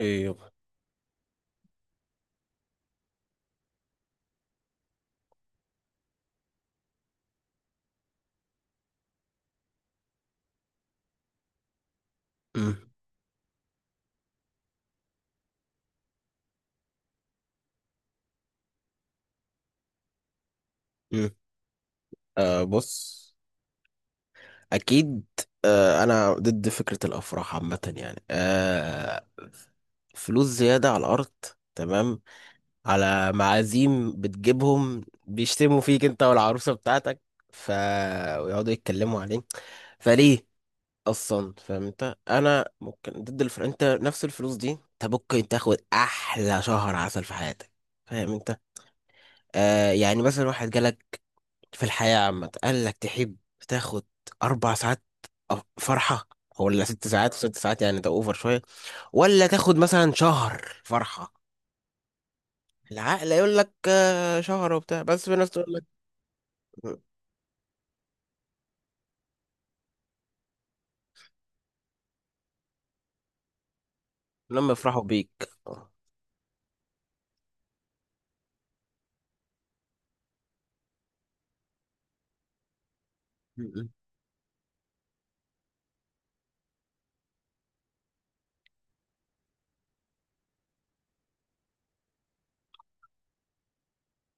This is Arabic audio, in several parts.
ايه يابا. مم. مم. آه بص، اكيد. آه انا ضد فكرة الافراح عامة، يعني آه فلوس زيادة على الارض، تمام، على معازيم بتجيبهم بيشتموا فيك انت والعروسة بتاعتك، ف ويقعدوا يتكلموا عليه، فليه اصلا؟ فاهم انت؟ انا ممكن ضد الفر... انت نفس الفلوس دي انت ممكن تاخد احلى شهر عسل في حياتك. فاهم انت؟ آه يعني مثلا واحد جالك في الحياة عامة قال لك، تحب تاخد أربع ساعات فرحة ولا ست ساعات؟ وست ساعات يعني ده أوفر شوية. ولا تاخد مثلا شهر فرحة؟ العقل يقول لك آه، شهر وبتاع، بس في ناس تقول لك لما يفرحوا بيك م-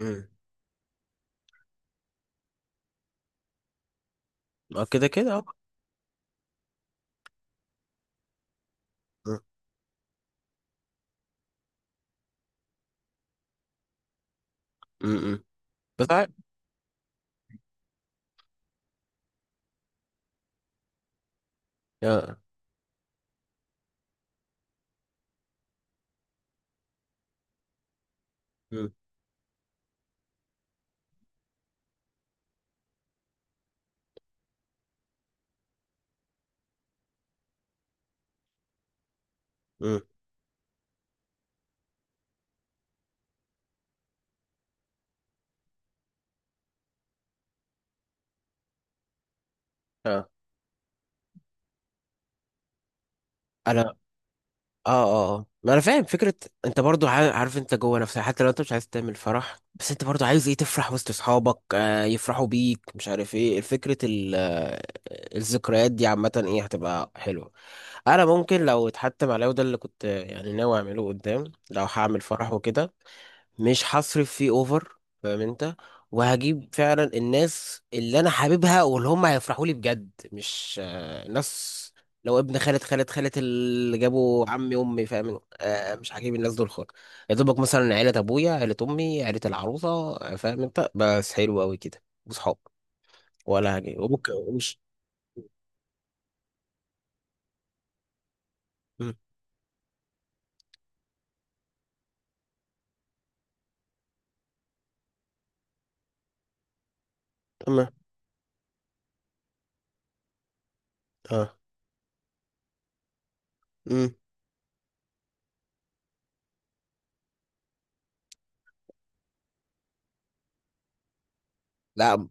م- م. كده كده أهو. م- م- م. بس عارف- آه. م- م. آه. أنا اه آه، ما انا فاهم فكره. انت برضو عارف انت جوه نفسك، حتى لو انت مش عايز تعمل فرح بس انت برضو عايز ايه تفرح وسط اصحابك، آه يفرحوا بيك، مش عارف ايه، فكره ال- آه، الذكريات دي عامه ايه هتبقى حلوه. انا ممكن لو اتحتم عليا وده اللي كنت آه، يعني ناوي اعمله قدام، لو هعمل فرح وكده مش هصرف فيه اوفر. فاهم انت؟ وهجيب فعلا الناس اللي انا حاببها واللي هم هيفرحوا لي بجد، مش آه، ناس لو ابن خالد اللي جابوا عمي امي، فاهم آه، مش هجيب الناس دول خالص. يا دوبك مثلا عيلة ابويا، عيلة امي، عيلة العروسة، آه، فاهم انت؟ بس حلو قوي كده، وصحاب. ولا هجيب وممكن ومش، مم، تمام، اه، مم. لا،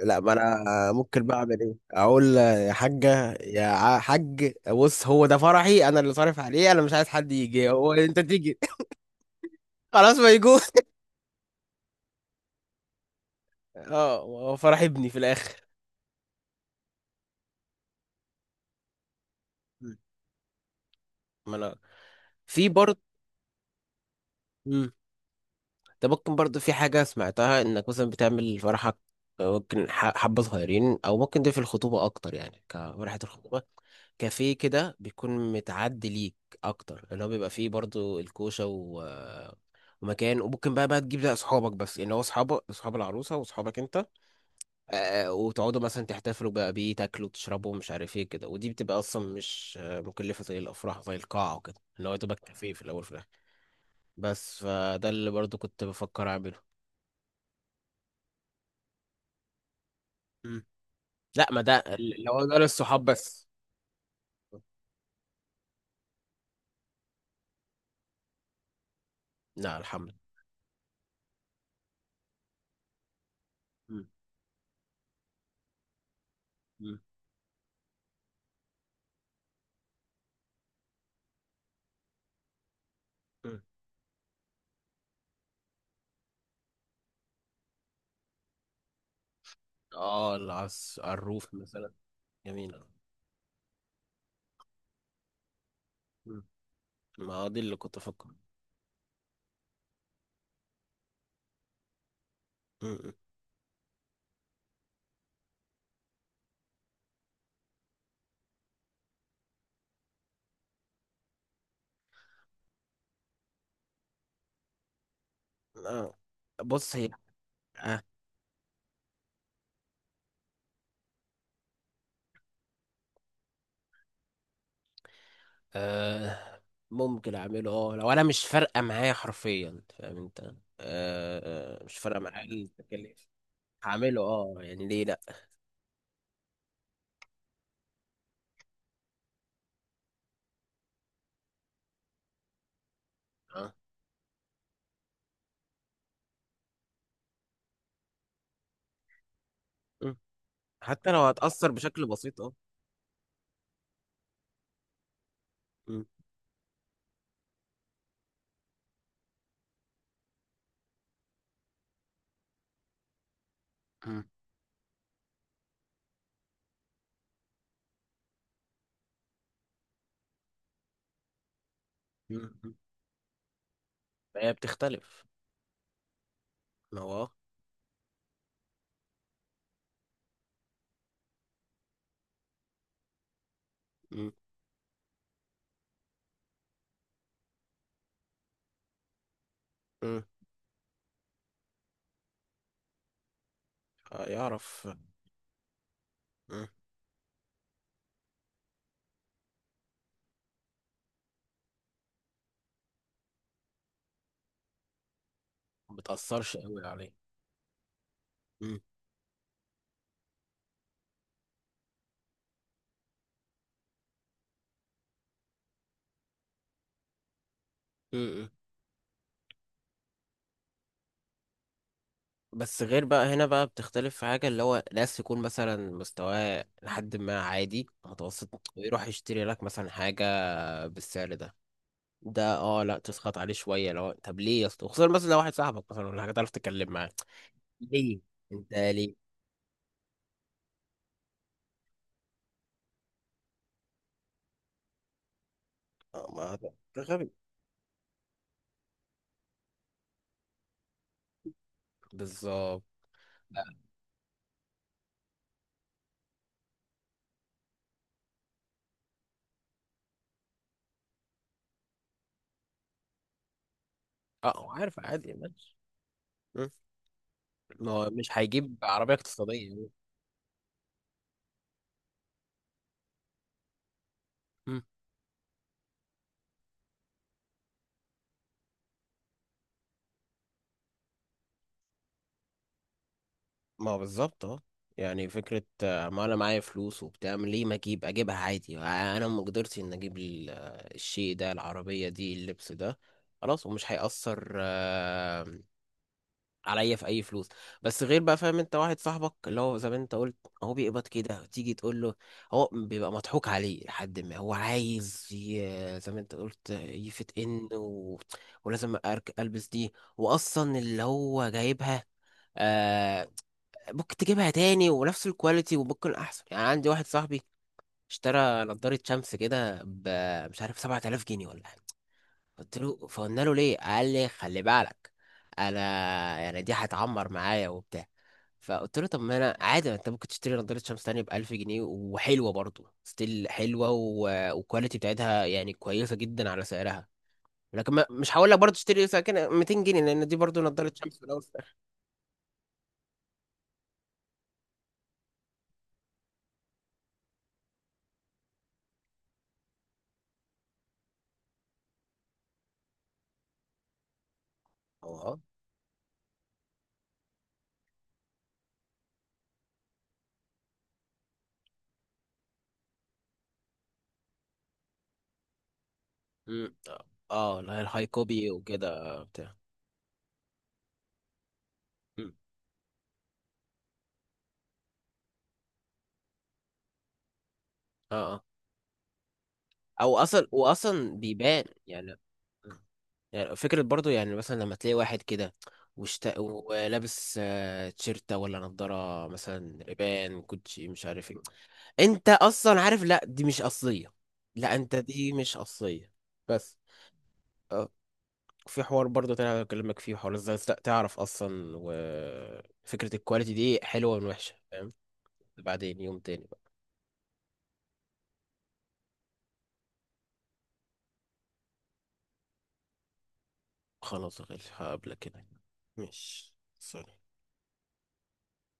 لا ما انا ممكن بقى اعمل ايه، اقول يا حاجه يا ع- حاج، بص هو ده فرحي انا اللي صارف عليه، انا مش عايز حد يجي. هو انت تيجي؟ خلاص ما يجوش. اه هو فرح ابني في الاخر. ما انا في برضه. ده ممكن برضو في حاجة سمعتها، انك مثلا بتعمل فرحك ممكن حبة صغيرين، او ممكن ده في الخطوبة اكتر يعني، كفرحة الخطوبة كافيه كده، بيكون متعدي ليك اكتر، اللي هو بيبقى فيه برضو الكوشة و... ومكان، وممكن بقى تجيب بقى اصحابك بس يعني، هو اصحابك، اصحاب العروسة واصحابك انت، آه، وتقعدوا مثلا تحتفلوا بقى بيه، تاكلوا تشربوا مش عارف ايه كده، ودي بتبقى اصلا مش آه، مكلفة زي الافراح، زي القاعة وكده، اللي هو تبقى كافيه في الاول في الاخر. بس فده اللي برضو كنت بفكر اعمله. لا ما ده ال- لو ده للصحاب بس. لا الحمد لله. مم. مم. مم. اه العس الروف مثلا. جميل. مم. ما هو دي اللي كنت افكر. مم. آه. بص هي آه. آه. ممكن اعمله، اه لو انا مش فارقه معايا حرفيا، فاهم انت؟ آه. آه، مش فارقه معايا التكاليف. هعمله اه، يعني ليه لا؟ آه. مم. حتى لو هتأثر بشكل بسيط اه. مم. مم. مم. فهي بتختلف. ما هو آه. مم. مم. آه، يعرف. مم. ما بتأثرش قوي عليه. مم. امم. بس غير بقى هنا بقى بتختلف في حاجة، اللي هو ناس يكون مثلا مستواه لحد ما عادي متوسط، ويروح يشتري لك مثلا حاجة بالسعر ده، ده اه لا تسخط عليه شوية. لو طب ليه يا اسطى، خصوصا مثلا لو واحد صاحبك مثلا ولا حاجة تعرف تتكلم معاه. ليه انت ليه؟ آه، ما ده ده غبي. بالظبط. لا، اه عارف، عادي، ماشي. مم. ما هو مش هيجيب عربية اقتصادية. مم. ما هو بالظبط اه. يعني فكرة آه، ما انا معايا فلوس وبتاع، ليه ما اجيبها عادي، آه، انا مقدرتي ان اجيب ال- آه، الشيء ده، العربية دي، اللبس ده، خلاص، ومش هيأثر آه، عليا في اي فلوس. بس غير بقى، فاهم انت؟ واحد صاحبك اللي هو زي ما انت قلت، هو بيقبض كده، تيجي تقول له، هو بيبقى مضحوك عليه، لحد ما هو عايز ي- زي ما انت قلت يفت ان و... ولازم أرك- البس دي، واصلا اللي هو جايبها آه، ممكن تجيبها تاني ونفس الكواليتي وممكن احسن. يعني عندي واحد صاحبي اشترى نضارة شمس كده ب، مش عارف، 7000 جنيه ولا حاجة، قلت له فقلنا له ليه، قال لي خلي بالك انا، يعني دي هتعمر معايا وبتاع، فقلت له طب ما انا عادي، ما انت ممكن تشتري نضارة شمس تانية ب 1000 جنيه وحلوة برضه، ستيل حلوة و... والكواليتي بتاعتها يعني كويسة جدا على سعرها. لكن ما... مش هقول لك برضه تشتري ساكن 200 جنيه، لان دي برضه نضارة شمس في الاول وفي الاخر. مم. اه لا، الهاي كوبي وكده بتاع. مم. اه، او اصلا واصلا بيبان يعني. يعني فكرة برضو، يعني مثلا لما تلاقي واحد كده وشت... ولابس آه، تيشيرتة ولا نضارة مثلا ريبان كوتشي مش عارف ايه، انت اصلا عارف لا دي مش اصلية. لا انت دي مش اصلية بس آه، في حوار برضو تاني انا بكلمك فيه، حوار ازاي لا تعرف اصلا وفكرة الكواليتي دي حلوة من وحشة، فاهم؟ بعدين يوم تاني. خلاص يا غالي هقابلك هناك. ماشي، سلام.